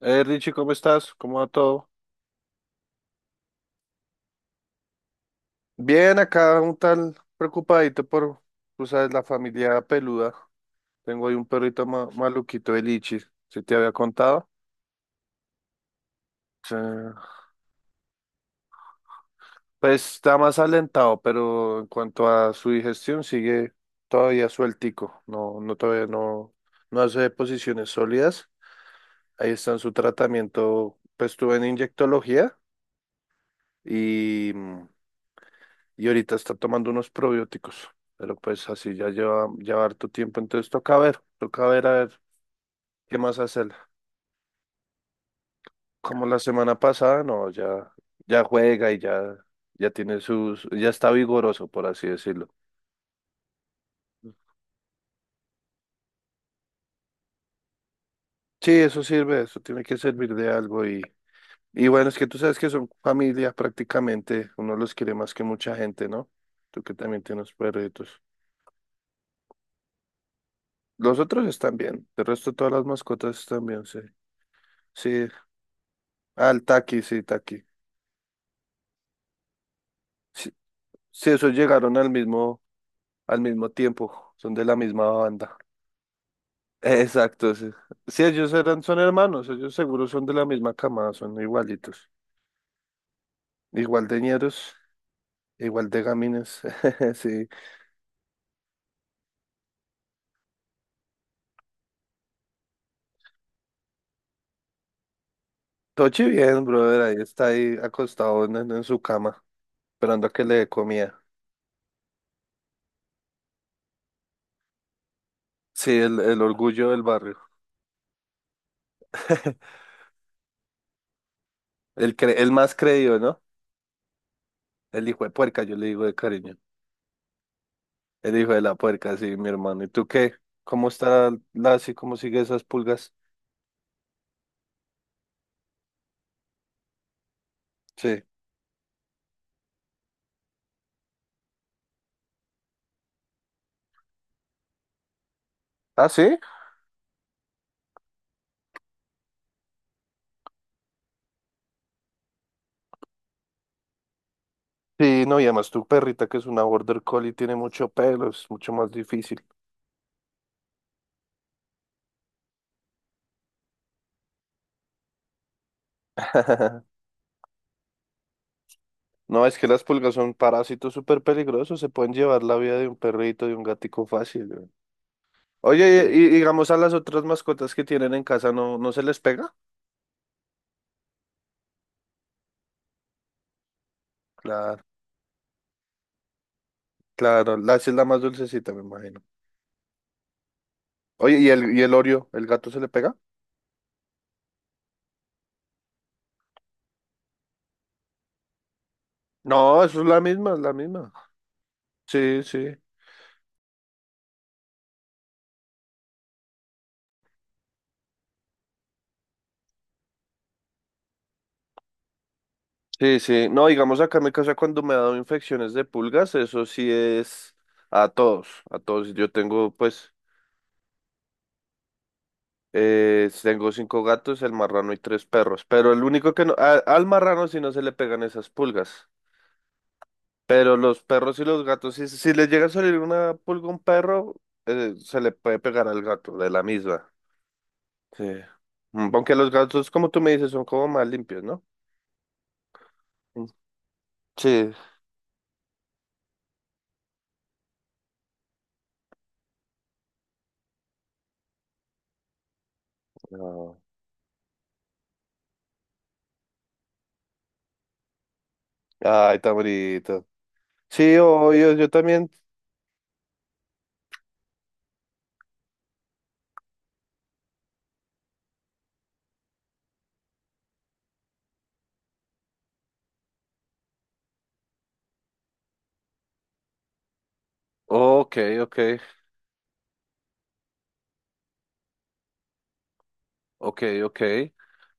Richie, ¿cómo estás? ¿Cómo va todo? Bien, acá un tal preocupadito por, tú sabes, la familia peluda. Tengo ahí un perrito maluquito el Lichi, si te había contado. Sí. Pues está más alentado, pero en cuanto a su digestión sigue todavía sueltico. No, no todavía no, no hace posiciones sólidas. Ahí está en su tratamiento. Pues estuve en inyectología y mm, y ahorita está tomando unos probióticos, pero pues así ya lleva harto tiempo, entonces toca ver a ver qué más hacer. Como la semana pasada, no, ya, ya juega y ya, ya tiene sus, ya está vigoroso, por así decirlo. Sí, eso sirve, eso tiene que servir de algo y bueno, es que tú sabes que son familia prácticamente, uno los quiere más que mucha gente, ¿no? Tú que también tienes perritos. Los otros están bien, el resto de todas las mascotas están bien, sí. Sí, al Taki. Sí, esos llegaron al mismo tiempo, son de la misma banda. Exacto, sí. Sí, ellos eran, son hermanos, ellos seguro son de la misma camada, son igualitos. Igual de ñeros, igual de gamines. Sí. Tochi bien, brother, ahí está ahí acostado en su cama, esperando a que le dé comida. Sí, el orgullo del barrio. El más creído, ¿no? El hijo de puerca, yo le digo de cariño. El hijo de la puerca, sí, mi hermano. ¿Y tú qué? ¿Cómo está la, así? ¿Cómo sigue esas pulgas? Sí. Ah, sí. Sí, no, y además tu perrita que es una border collie tiene mucho pelo, es mucho más difícil. No, es que las pulgas son parásitos súper peligrosos, se pueden llevar la vida de un perrito, de un gatico fácil. Güey, oye, y, digamos a las otras mascotas que tienen en casa, ¿no, no se les pega? Claro, claro, la esa es la más dulcecita, me imagino. Oye, ¿y el Oreo, el gato se le pega? No, eso es la misma, es la misma. Sí, sí. Sí, sí. No, digamos acá en mi casa cuando me ha dado infecciones de pulgas, eso sí es a todos, a todos. Pues, tengo cinco gatos, el marrano y tres perros. Pero el único que no, al marrano sí no se le pegan esas pulgas. Pero los perros y los gatos, si le llega a salir una pulga a un perro, se le puede pegar al gato de la misma. Sí. Aunque los gatos, como tú me dices, son como más limpios, ¿no? Mm, sí. No. Ay, tan bonito. Sí, obvio, yo también. Ok, ok, ok, ok.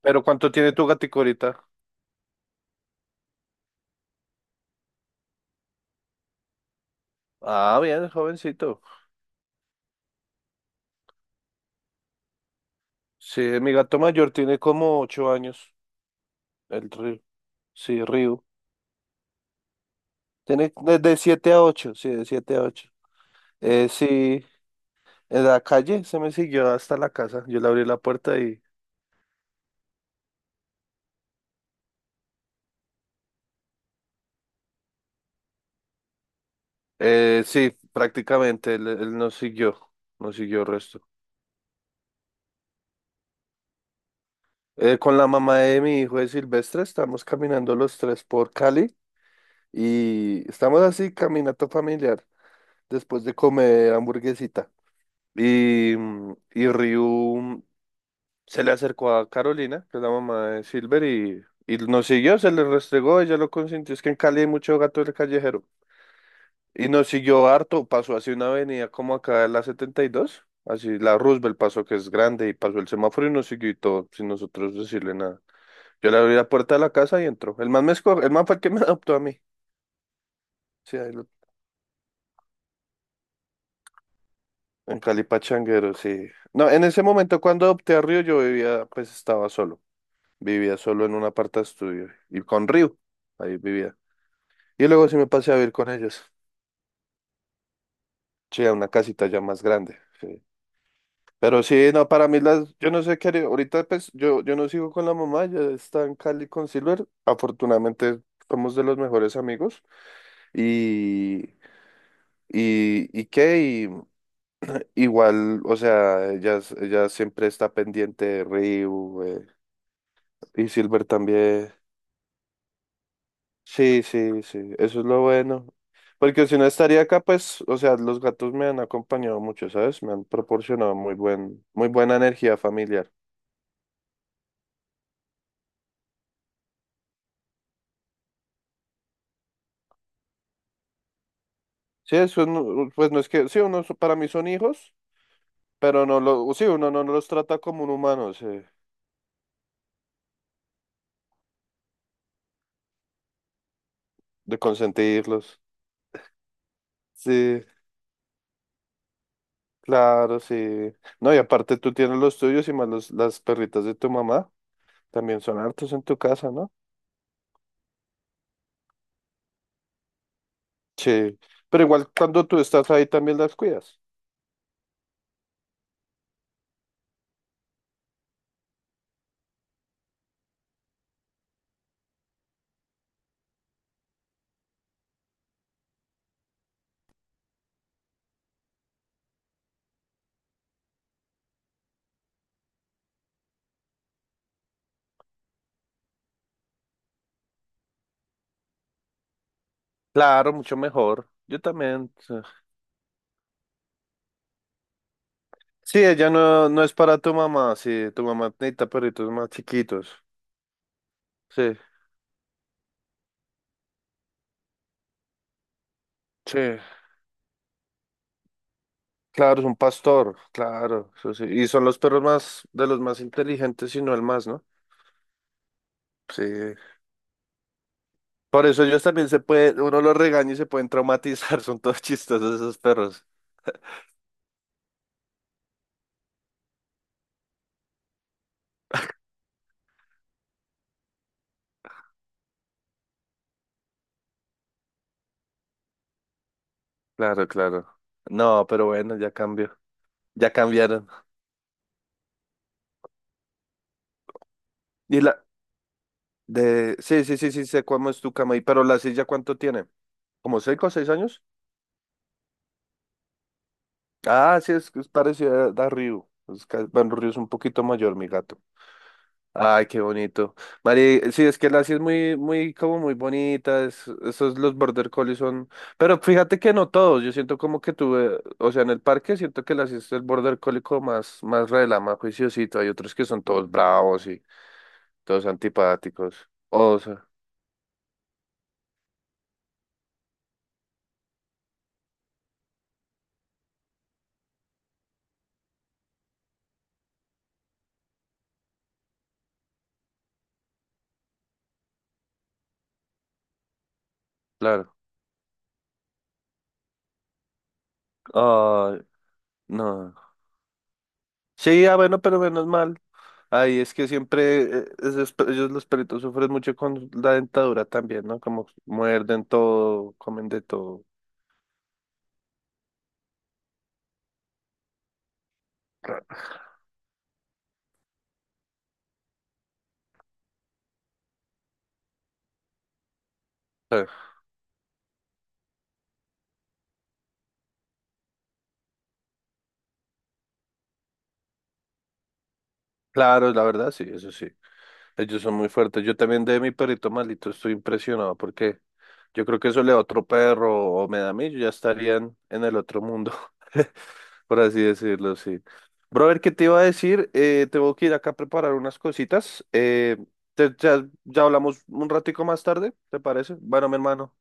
¿Pero cuánto tiene tu gatico ahorita? Ah, bien, jovencito. Sí, mi gato mayor tiene como 8 años. El Río. Sí, Río. Tiene de 7 a 8, sí, de 7 a 8. Sí, en la calle se me siguió hasta la casa. Yo le abrí la puerta y... sí, prácticamente él nos siguió el resto. Con la mamá de mi hijo de Silvestre estamos caminando los tres por Cali y estamos así, caminato familiar, después de comer hamburguesita. Y Ryu se le acercó a Carolina, que es la mamá de Silver, y nos siguió, se le restregó, ella lo consintió. Es que en Cali hay mucho gato del callejero. Y nos siguió harto, pasó hacia una avenida como acá en la 72, así la Roosevelt pasó, que es grande, y pasó el semáforo y nos siguió y todo, sin nosotros decirle nada. Yo le abrí la puerta de la casa y entró. El man me escogió, el man fue el que me adoptó a mí. Sí, ahí lo. En Cali Pachanguero, sí. No, en ese momento cuando adopté a Río, yo vivía, pues estaba solo. Vivía solo en un aparta estudio. Y con Río, ahí vivía. Y luego sí me pasé a vivir con ellos. Sí, a una casita ya más grande. Sí. Pero sí, no, para mí las, yo no sé qué haría. Ahorita pues yo no sigo con la mamá, ya está en Cali con Silver. Afortunadamente somos de los mejores amigos. Y, y qué, y igual, o sea, ella siempre está pendiente de Río. Y Silver también. Sí, sí, sí, eso es lo bueno. Porque si no estaría acá, pues, o sea, los gatos me han acompañado mucho, ¿sabes? Me han proporcionado muy buen, muy buena energía familiar. Sí, eso no- pues no es que, sí, uno, para mí son hijos, pero no lo, sí, uno no los trata como un humano, sí, de consentirlos. Sí, claro, sí. No, y aparte tú tienes los tuyos y más los, las perritas de tu mamá, también son hartos en tu casa, ¿no? Sí, pero igual cuando tú estás ahí también las cuidas. Claro, mucho mejor. Yo también. Sí, sí, ella no, no es para tu mamá. Sí, tu mamá necesita perritos más chiquitos. Sí, sí. Claro, es un pastor. Claro, eso sí. Y son los perros más, de los más inteligentes y no el más, ¿no? Sí. Por eso ellos también se puede, uno los regaña y se pueden traumatizar. Son todos chistosos esos perros. Claro, claro. No, pero bueno, ya cambió. Ya cambiaron. Y la de, sí, sí, sí, sí, sé cómo es tu cama. Y pero la silla, ¿cuánto tiene? ¿Como 6 o 6 años? Ah, sí, es parecido a Ryu. Bueno, Ryu es un poquito mayor, mi gato. Ay, qué bonito. Mari, sí, es que la sí es muy, muy, como muy bonita. Esos los border collies son. Pero fíjate que no todos. Yo siento como que tuve, o sea, en el parque siento que la sí es el border collie como más, más rela, juiciosito. Hay otros que son todos bravos y todos antipáticos. O sea, claro. Ay, no. Sí, ah, bueno, pero menos mal. Ay, es que siempre ellos los perritos sufren mucho con la dentadura también, ¿no? Como muerden todo, comen de todo. Eh, Claro, la verdad, sí, eso sí. Ellos son muy fuertes. Yo también de mi perrito malito estoy impresionado porque yo creo que eso le da a otro perro o me da a mí, yo ya estarían en el otro mundo, por así decirlo, sí. Brother, ¿qué te iba a decir? Tengo que ir acá a preparar unas cositas. Ya hablamos un ratico más tarde, ¿te parece? Bueno, mi hermano.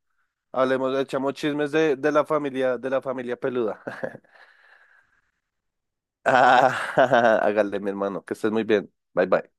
Hablemos, echamos chismes de la familia peluda. Ah, hágale, mi hermano, que estés muy bien. Bye bye.